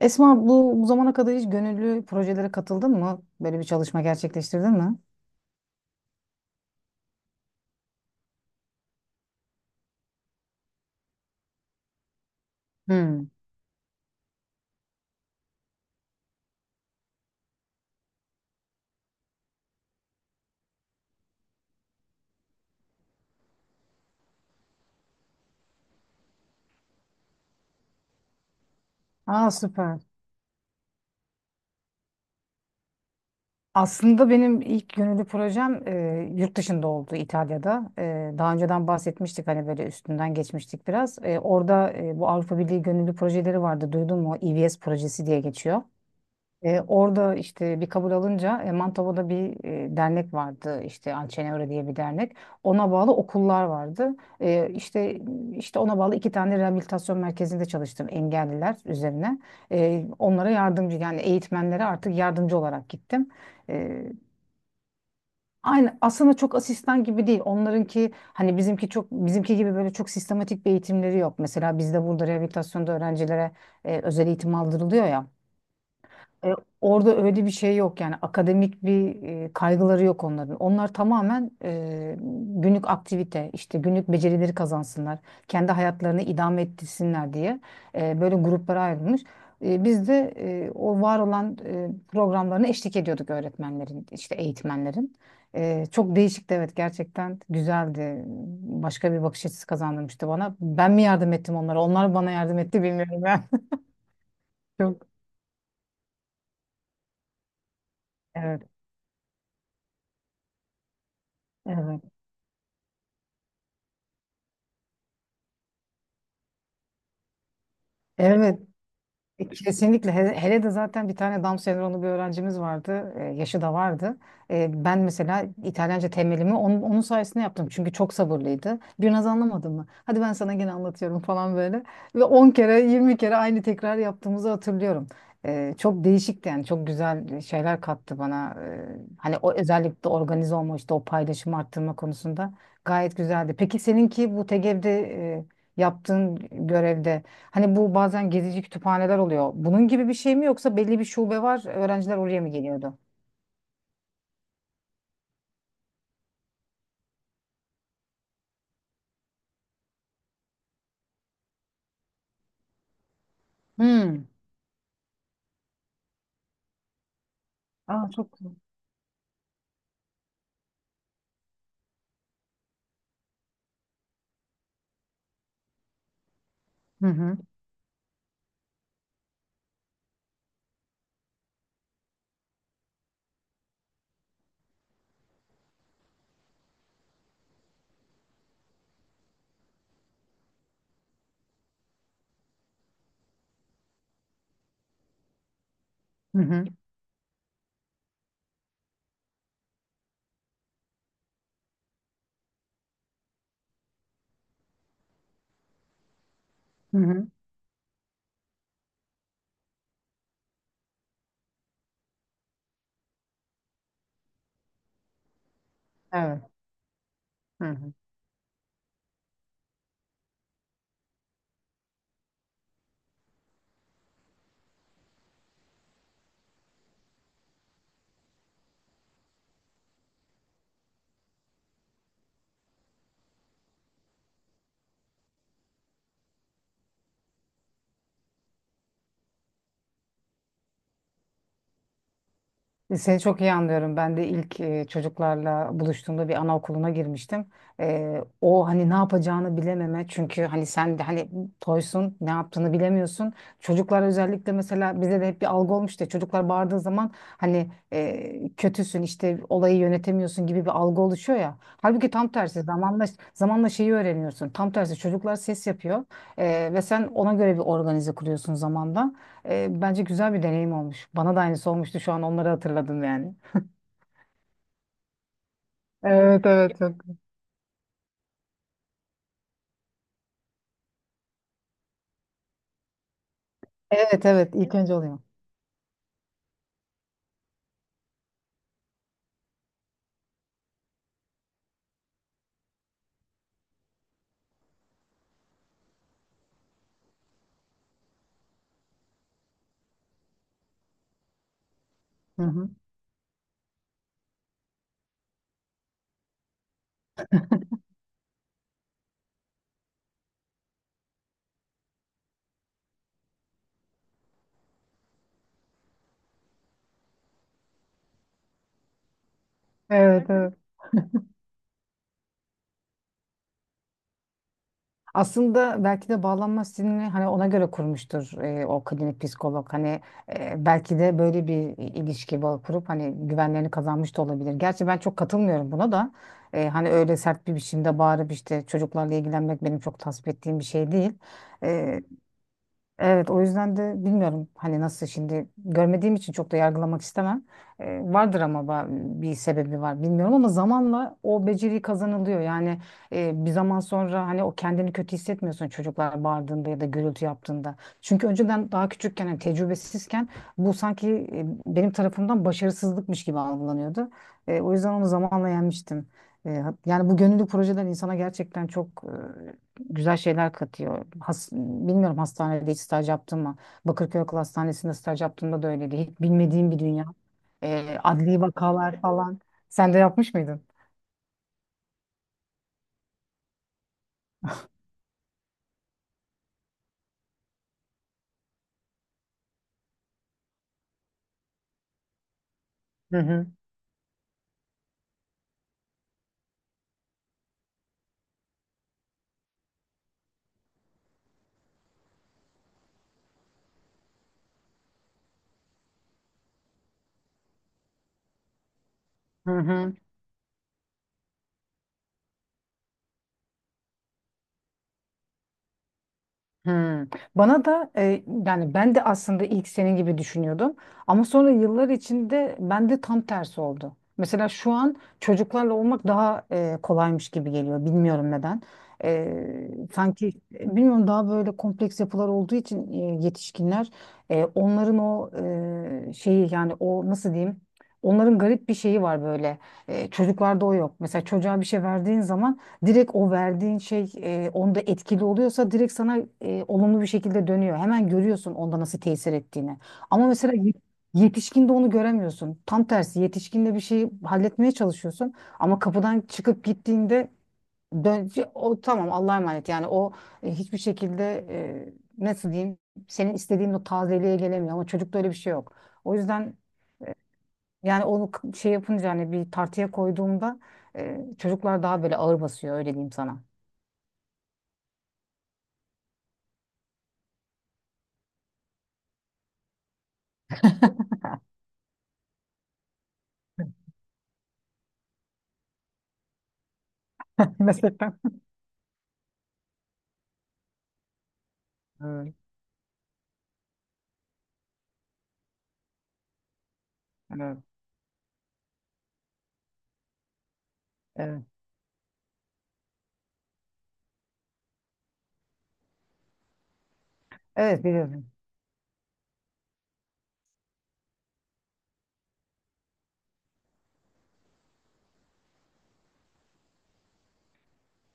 Esma bu zamana kadar hiç gönüllü projelere katıldın mı? Böyle bir çalışma gerçekleştirdin mi? Hmm. Aa süper. Aslında benim ilk gönüllü projem yurt dışında oldu İtalya'da. Daha önceden bahsetmiştik hani böyle üstünden geçmiştik biraz. Orada bu Avrupa Birliği gönüllü projeleri vardı duydun mu? EVS projesi diye geçiyor. Orada işte bir kabul alınca Mantova'da bir dernek vardı işte Alcenevre diye bir dernek. Ona bağlı okullar vardı. E, işte ona bağlı iki tane rehabilitasyon merkezinde çalıştım engelliler üzerine. Onlara yardımcı yani eğitmenlere artık yardımcı olarak gittim. E, Aynı aslında çok asistan gibi değil. Onlarınki hani bizimki gibi böyle çok sistematik bir eğitimleri yok. Mesela bizde burada rehabilitasyonda öğrencilere özel eğitim aldırılıyor ya. E, Orada öyle bir şey yok yani akademik bir kaygıları yok onların. Onlar tamamen günlük aktivite, işte günlük becerileri kazansınlar, kendi hayatlarını idame ettirsinler diye böyle gruplara ayrılmış. Biz de o var olan programlarına eşlik ediyorduk öğretmenlerin, işte eğitmenlerin. Çok değişikti evet gerçekten güzeldi. Başka bir bakış açısı kazandırmıştı bana. Ben mi yardım ettim onlara? Onlar bana yardım etti bilmiyorum ben. Çok. Evet, evet. Evet. Kesinlikle. Hele de zaten bir tane Down sendromlu bir öğrencimiz vardı. Yaşı da vardı. Ben mesela İtalyanca temelimi onun sayesinde yaptım. Çünkü çok sabırlıydı. Bir naz anlamadın mı? Hadi ben sana gene anlatıyorum falan böyle. Ve 10 kere 20 kere aynı tekrar yaptığımızı hatırlıyorum. Çok değişikti yani. Çok güzel şeyler kattı bana. Hani o özellikle organize olma işte o paylaşımı arttırma konusunda gayet güzeldi. Peki seninki bu TGV'de e, yaptığın görevde, hani bu bazen gezici kütüphaneler oluyor. Bunun gibi bir şey mi yoksa belli bir şube var, öğrenciler oraya mı geliyordu? Hmm. Aa çok güzel. Hı hı. Hı hı. Hı hı. Evet. Hı hı. Seni çok iyi anlıyorum. Ben de ilk çocuklarla buluştuğumda bir anaokuluna girmiştim. O hani ne yapacağını bilememe çünkü hani sen de hani toysun ne yaptığını bilemiyorsun. Çocuklar özellikle mesela bize de hep bir algı olmuştu. Çocuklar bağırdığı zaman hani kötüsün işte olayı yönetemiyorsun gibi bir algı oluşuyor ya. Halbuki tam tersi zamanla şeyi öğreniyorsun. Tam tersi çocuklar ses yapıyor ve sen ona göre bir organize kuruyorsun zamanla. Bence güzel bir deneyim olmuş. Bana da aynısı olmuştu şu an onları hatırladım yani. Evet evet çok. Evet evet ilk önce oluyor. Hı hı. Evet evet. Aslında belki de bağlanma stilini hani ona göre kurmuştur o klinik psikolog. Hani belki de böyle bir ilişki bağı kurup hani güvenlerini kazanmış da olabilir. Gerçi ben çok katılmıyorum buna da. Hani öyle sert bir biçimde bağırıp işte çocuklarla ilgilenmek benim çok tasvip ettiğim bir şey değil. Evet, o yüzden de bilmiyorum hani nasıl şimdi görmediğim için çok da yargılamak istemem. Vardır ama bir sebebi var bilmiyorum ama zamanla o beceri kazanılıyor. Yani bir zaman sonra hani o kendini kötü hissetmiyorsun çocuklar bağırdığında ya da gürültü yaptığında. Çünkü önceden daha küçükken hani tecrübesizken bu sanki benim tarafımdan başarısızlıkmış gibi algılanıyordu. O yüzden onu zamanla yenmiştim. Yani bu gönüllü projeler insana gerçekten çok güzel şeyler katıyor. Bilmiyorum hastanede hiç staj yaptım mı? Bakırköy Akıl Hastanesi'nde staj yaptığımda da öyleydi. Hiç bilmediğim bir dünya. Adli vakalar falan. Sen de yapmış mıydın? Hı hı. Hı hı. Hmm. Bana da yani ben de aslında ilk senin gibi düşünüyordum ama sonra yıllar içinde ben de tam tersi oldu. Mesela şu an çocuklarla olmak daha kolaymış gibi geliyor. Bilmiyorum neden. Sanki bilmiyorum daha böyle kompleks yapılar olduğu için yetişkinler onların o şeyi yani o nasıl diyeyim? Onların garip bir şeyi var böyle. Çocuklarda o yok. Mesela çocuğa bir şey verdiğin zaman direkt o verdiğin şey onda etkili oluyorsa direkt sana olumlu bir şekilde dönüyor. Hemen görüyorsun onda nasıl tesir ettiğini. Ama mesela yetişkinde onu göremiyorsun. Tam tersi yetişkinde bir şeyi halletmeye çalışıyorsun ama kapıdan çıkıp gittiğinde dön o tamam Allah'a emanet yani o hiçbir şekilde e, nasıl diyeyim senin istediğin o tazeliğe gelemiyor ama çocukta öyle bir şey yok. O yüzden yani onu k- şey yapınca hani bir tartıya koyduğumda çocuklar daha böyle ağır basıyor öyle diyeyim sana. Meslekten. Evet, evet, evet. Evet biliyorum.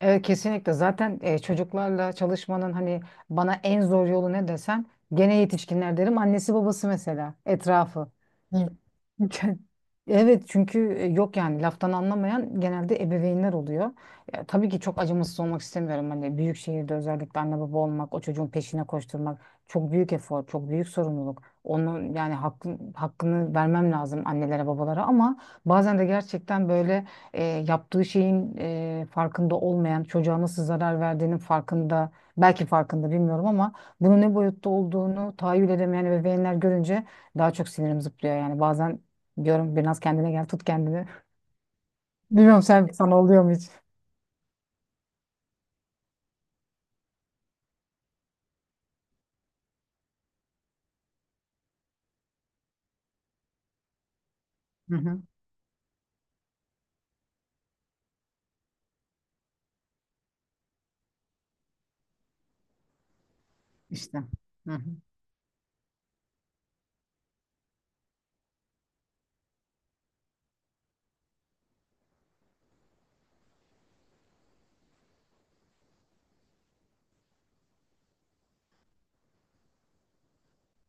Evet kesinlikle zaten çocuklarla çalışmanın hani bana en zor yolu ne desen gene yetişkinler derim annesi babası mesela etrafı. Hı. Çünkü- Evet çünkü yok yani laftan anlamayan genelde ebeveynler oluyor. Ya, tabii ki çok acımasız olmak istemiyorum. Hani büyük şehirde özellikle anne baba olmak, o çocuğun peşine koşturmak çok büyük efor, çok büyük sorumluluk. Onun yani hakkı, hakkını vermem lazım annelere, babalara ama bazen de gerçekten böyle yaptığı şeyin farkında olmayan, çocuğa nasıl zarar verdiğinin farkında, belki farkında bilmiyorum ama bunun ne boyutta olduğunu tahayyül edemeyen ebeveynler görünce daha çok sinirim zıplıyor yani. Bazen diyorum biraz kendine gel, tut kendini. Bilmiyorum sen sana oluyor mu hiç? Hı hı. İşte. Hı hı.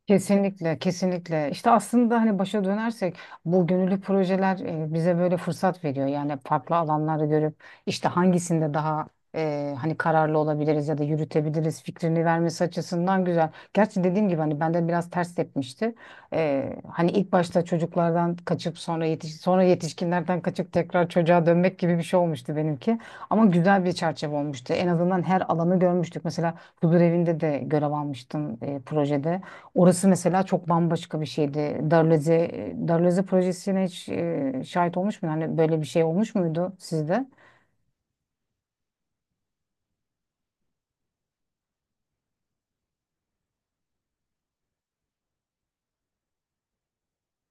Kesinlikle, kesinlikle. İşte aslında hani başa dönersek bu gönüllü projeler bize böyle fırsat veriyor. Yani farklı alanları görüp işte hangisinde daha hani kararlı olabiliriz ya da yürütebiliriz fikrini vermesi açısından güzel. Gerçi dediğim gibi hani bende biraz ters tepmişti. Hani ilk başta çocuklardan kaçıp sonra yetişkinlerden kaçıp tekrar çocuğa dönmek gibi bir şey olmuştu benimki. Ama güzel bir çerçeve olmuştu. En azından her alanı görmüştük. Mesela huzur evinde de görev almıştım projede. Orası mesela çok bambaşka bir şeydi. Darleze projesine hiç şahit olmuş mu? Hani böyle bir şey olmuş muydu sizde?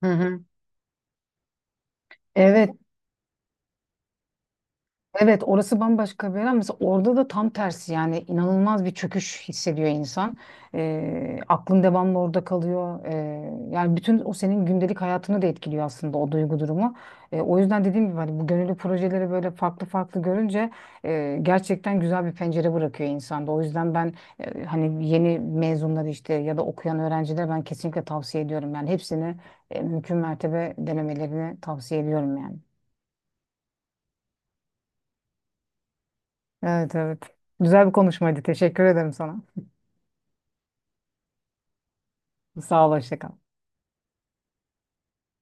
Hı hı. Evet. Evet orası bambaşka bir yer ama mesela orada da tam tersi yani inanılmaz bir çöküş hissediyor insan. Aklın devamlı orada kalıyor. Yani bütün o senin gündelik hayatını da etkiliyor aslında o duygu durumu. O yüzden dediğim gibi hani bu gönüllü projeleri böyle farklı farklı görünce gerçekten güzel bir pencere bırakıyor insanda. O yüzden ben hani yeni mezunları işte ya da okuyan öğrencilere ben kesinlikle tavsiye ediyorum. Yani hepsini mümkün mertebe denemelerini tavsiye ediyorum yani. Evet evet. Güzel bir konuşmaydı. Teşekkür ederim sana. Sağ ol, hoşça kal.